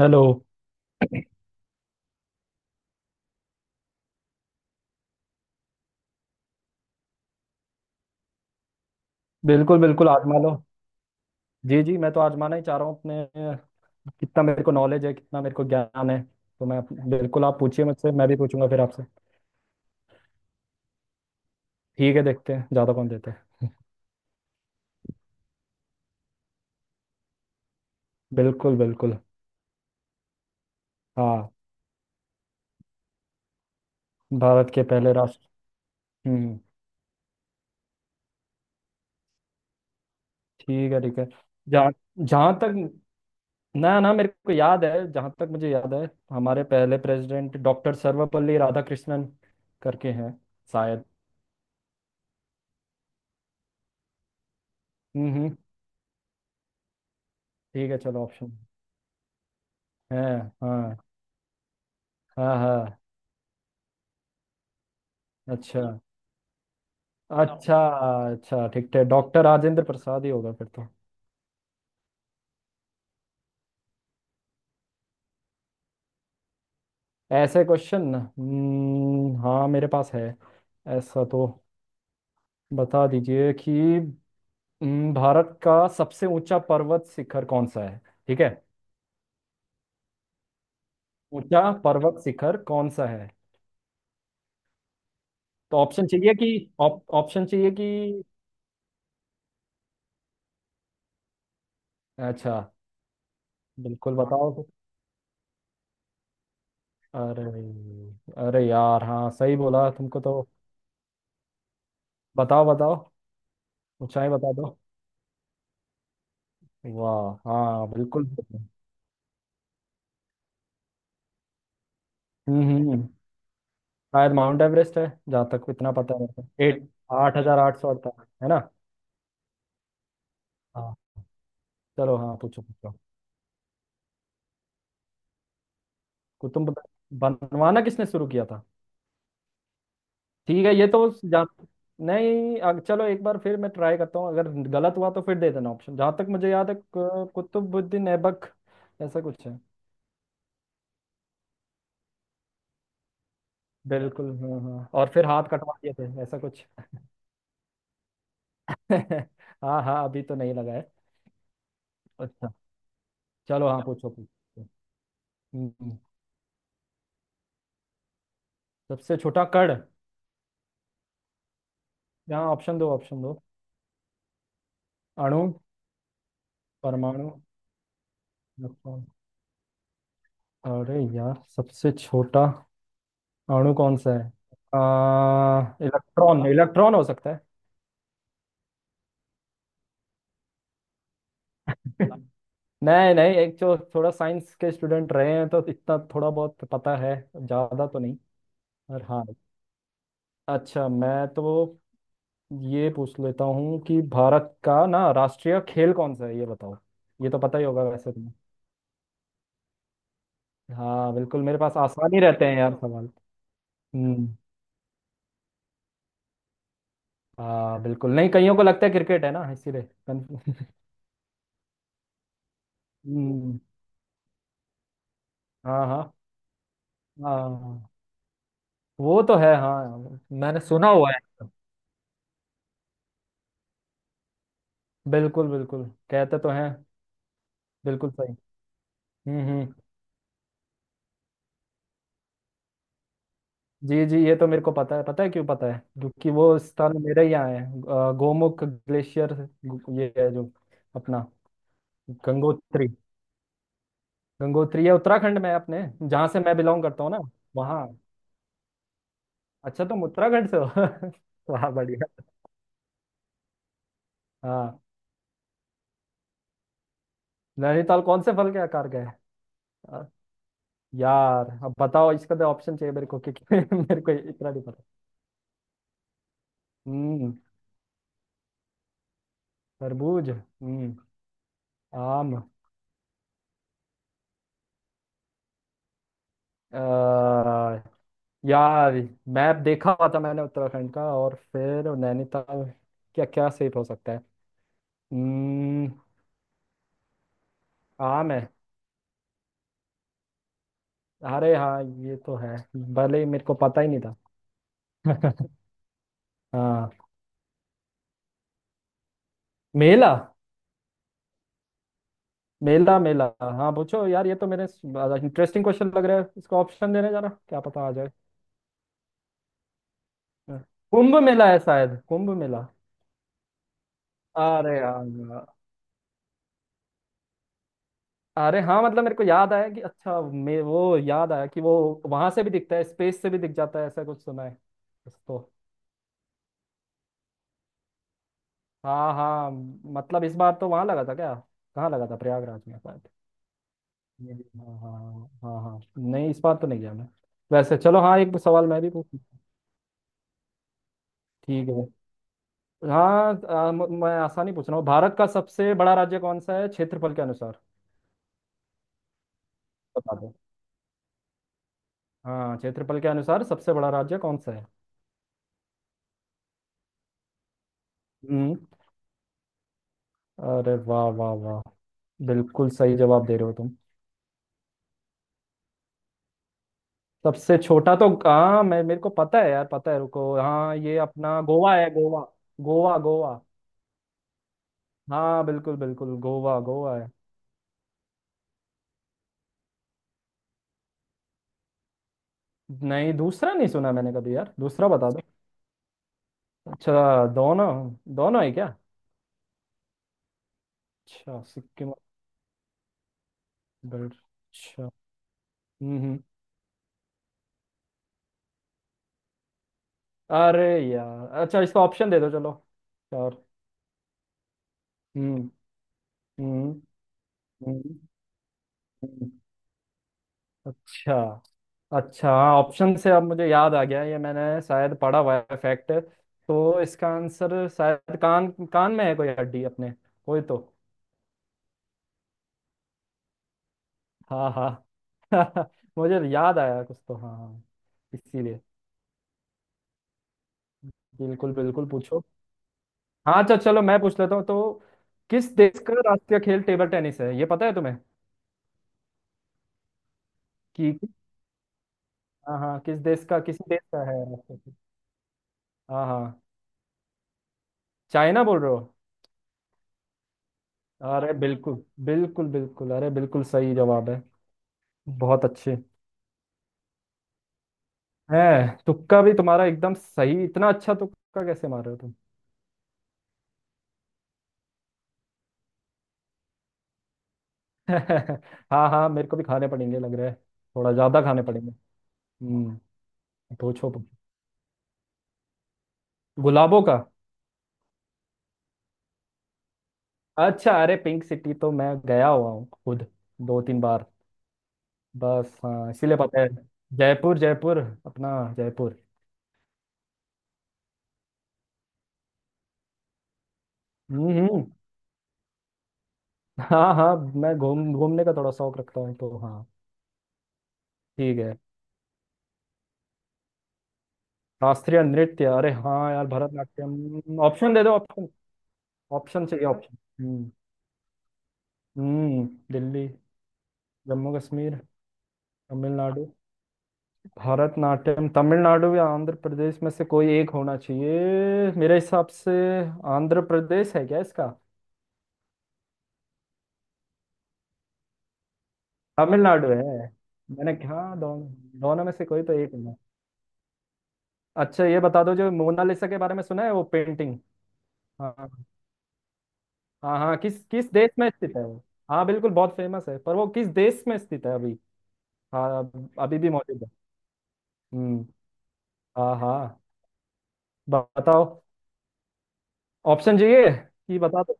Hello. बिल्कुल बिल्कुल आजमा लो। जी जी मैं तो आजमाना ही चाह रहा हूँ अपने कितना मेरे को नॉलेज है कितना मेरे को ज्ञान है तो मैं बिल्कुल आप पूछिए मुझसे, मैं भी पूछूंगा फिर आपसे। ठीक है, देखते हैं ज़्यादा कौन देते हैं। बिल्कुल बिल्कुल। हाँ। भारत के पहले राष्ट्र। हम्म। ठीक है ठीक है। जहाँ जहाँ तक, ना ना मेरे को याद है, जहाँ तक मुझे याद है हमारे पहले प्रेसिडेंट डॉक्टर सर्वपल्ली राधाकृष्णन करके हैं शायद। हम्म हम्म, ठीक है, चलो ऑप्शन है। हाँ हाँ। हाँ अच्छा। हाँ अच्छा। अच्छा, ठीक है, डॉक्टर राजेंद्र प्रसाद ही होगा फिर तो। ऐसे क्वेश्चन। हाँ मेरे पास है। ऐसा तो बता दीजिए कि भारत का सबसे ऊंचा पर्वत शिखर कौन सा है। ठीक है। ऊंचा पर्वत शिखर कौन सा है। तो ऑप्शन चाहिए कि ऑप्शन चाहिए कि अच्छा बिल्कुल बताओ तो। अरे, अरे यार हाँ सही बोला तुमको तो। बताओ बताओ। ऊंचाई बता दो। वाह, हाँ बिल्कुल। हम्म हम्म, हम्म। शायद माउंट एवरेस्ट है, जहाँ तक इतना पता है मेरे को, एट 8,848 है ना। हाँ, चलो, हाँ पूछो पूछो। को तुम बता- बनवाना किसने शुरू किया था। ठीक है, ये तो जा नहीं, चलो एक बार फिर मैं ट्राई करता हूँ, अगर गलत हुआ तो फिर दे देना ऑप्शन। जहाँ तक मुझे याद है कुतुबुद्दीन ऐबक, ऐसा कुछ है। बिल्कुल, हाँ हाँ, और फिर हाथ कटवा दिए थे ऐसा कुछ। हाँ हाँ, अभी तो नहीं लगा है। अच्छा, चलो, हाँ पूछो पूछो। हम्म, सबसे छोटा कण, यहाँ ऑप्शन दो, ऑप्शन दो। अणु। परमाणु। इलेक्ट्रॉन। अरे यार सबसे छोटा अणु कौन सा है। आ, इलेक्ट्रॉन, इलेक्ट्रॉन हो सकता है। नहीं नहीं, एक जो थोड़ा साइंस के स्टूडेंट रहे हैं तो इतना थोड़ा बहुत पता है, ज्यादा तो नहीं। और हाँ, अच्छा, मैं तो ये पूछ लेता हूँ कि भारत का ना राष्ट्रीय खेल कौन सा है, ये बताओ। ये तो पता ही होगा वैसे तुम्हें। हाँ बिल्कुल, मेरे पास आसान ही रहते हैं यार सवाल। हम्म, हाँ बिल्कुल, नहीं कईयों को लगता है क्रिकेट है ना, इसीलिए। हम्म, हाँ हाँ। हाँ वो तो है, हाँ मैंने सुना हुआ है। बिल्कुल बिल्कुल, कहते तो हैं, बिल्कुल सही। हम्म, जी जी, ये तो मेरे को पता है, पता है क्यों पता है, क्योंकि वो स्थान मेरे ही यहाँ है, गोमुख ग्लेशियर ये है जो अपना, गंगोत्री। गंगोत्री है, उत्तराखंड में है अपने, जहाँ से मैं बिलोंग करता हूँ ना। वहाँ, अच्छा तुम उत्तराखंड से हो। वाह बढ़िया। हाँ, नैनीताल कौन से फल के आकार का है। यार अब बताओ, इसका तो ऑप्शन चाहिए मेरे को, क्योंकि मेरे को इतना नहीं पता। हम्म, तरबूज, हम्म, आम। आ, यार मैप देखा हुआ था मैंने उत्तराखंड का, और फिर नैनीताल, क्या क्या सेफ हो सकता है। हम्म, आम है। अरे हाँ, ये तो है, भले ही मेरे को पता ही नहीं था। हाँ, मेला। मेला मेला, हाँ पूछो यार, ये तो मेरे इंटरेस्टिंग क्वेश्चन लग रहा है, इसका ऑप्शन देने जा रहा, क्या पता आ जाए। हाँ। कुंभ मेला है शायद, कुंभ मेला। अरे हाँ, अरे हाँ, मतलब मेरे को याद आया कि अच्छा, मैं वो, याद आया कि वो वहां से भी दिखता है, स्पेस से भी दिख जाता है, ऐसा कुछ सुना है। उसको। हाँ हाँ, मतलब इस बार तो वहां लगा था क्या। कहाँ लगा था, प्रयागराज में शायद। हाँ हाँ हाँ हाँ, नहीं, इस बार तो नहीं गया मैं। वैसे चलो, हाँ, एक सवाल मैं भी पूछूं। ठीक है, हाँ मैं आसानी पूछ रहा हूँ, भारत का सबसे बड़ा राज्य कौन सा है, क्षेत्रफल के अनुसार। बता दो। हाँ, क्षेत्रफल के अनुसार सबसे बड़ा राज्य कौन सा है। हम्म, अरे वाह वाह वाह, बिल्कुल सही जवाब दे रहे हो तुम। सबसे छोटा तो हाँ, मैं, मेरे को पता है यार, पता है, रुको, हाँ, ये अपना गोवा है, गोवा। गोवा गोवा। हाँ बिल्कुल बिल्कुल, गोवा, गोवा है। नहीं दूसरा नहीं सुना मैंने कभी यार, दूसरा बता दो। अच्छा दोनों, दोनों है क्या। अच्छा सिक्किम और बेल्ट, अच्छा। हम्म हम्म। अरे यार, अच्छा, इसका ऑप्शन दे दो चलो, और हम्म हम्म हम्म हम्म। अच्छा अच्छा, हाँ ऑप्शन से अब मुझे याद आ गया, ये मैंने शायद पढ़ा हुआ है फैक्ट। तो इसका आंसर शायद कान, कान में है कोई हड्डी अपने, कोई तो। हाँ हाँ, मुझे याद आया कुछ तो, हाँ हाँ, इसीलिए। बिल्कुल बिल्कुल, पूछो। हाँ, अच्छा, चलो मैं पूछ लेता हूँ, तो किस देश का राष्ट्रीय खेल टेबल टेनिस है, ये पता है तुम्हें कि। हाँ हाँ, किस देश का, किसी देश का है राष्ट्रीय खेल? हाँ हाँ, चाइना बोल रहे हो। अरे बिल्कुल, बिल्कुल बिल्कुल, अरे बिल्कुल सही जवाब है। बहुत अच्छे है, तुक्का भी तुम्हारा एकदम सही, इतना अच्छा तुक्का कैसे मार रहे हो तुम। हाँ हाँ, मेरे को भी खाने पड़ेंगे लग रहा है। थोड़ा ज्यादा खाने पड़ेंगे। हम्म, पूछो पूछो। गुलाबों का, अच्छा, अरे पिंक सिटी तो मैं गया हुआ हूँ खुद, दो तीन बार, बस हाँ इसीलिए पता है। जयपुर जयपुर, अपना, जयपुर। हम्म हम्म, हाँ हाँ, मैं घूम, घूमने का थोड़ा शौक रखता हूँ, तो हाँ। ठीक है, शास्त्रीय नृत्य, अरे हाँ यार, भरतनाट्यम ऑप्शन दे दो, ऑप्शन। ऑप्शन चाहिए ऑप्शन। हम्म हम्म। दिल्ली। जम्मू कश्मीर। तमिलनाडु। भारतनाट्यम तमिलनाडु या आंध्र प्रदेश में से कोई एक होना चाहिए मेरे हिसाब से। आंध्र प्रदेश है क्या इसका। तमिलनाडु है। मैंने, हाँ, दोनों दोनों में से कोई तो एक होगा। अच्छा, ये बता दो जो मोनालिसा के बारे में सुना है वो पेंटिंग। हाँ हाँ हाँ, किस, किस देश में स्थित है वो। हाँ बिल्कुल, बहुत फेमस है, पर वो किस देश में स्थित है अभी। हाँ, अभी भी मौजूद है। हम्म, हाँ हाँ, बताओ। ऑप्शन चाहिए कि, बता दो।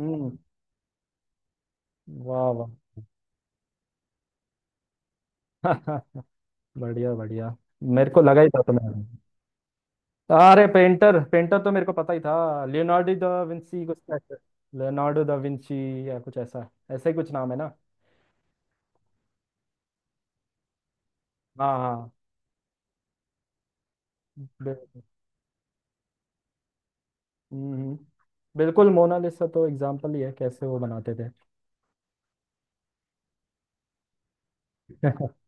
हम्म, वाह वाह। बढ़िया बढ़िया। मेरे को लगा ही था तुम्हें। अरे पेंटर, पेंटर तो मेरे को पता ही था, लियोनार्डो दा विंची कुछ। लियोनार्डो दा विंची या कुछ ऐसा, ऐसा ही कुछ नाम है ना। हाँ हाँ, बिल्कुल। हम्म, बिल्कुल मोनालिसा तो एग्जाम्पल ही है, कैसे वो बनाते थे।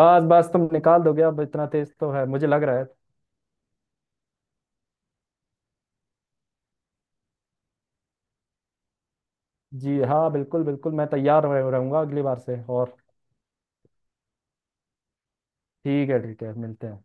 बस बस, तुम निकाल दोगे अब, इतना तेज तो है मुझे लग रहा है। जी हाँ, बिल्कुल बिल्कुल, मैं तैयार रहूंगा अगली बार से, और ठीक है ठीक है, मिलते हैं।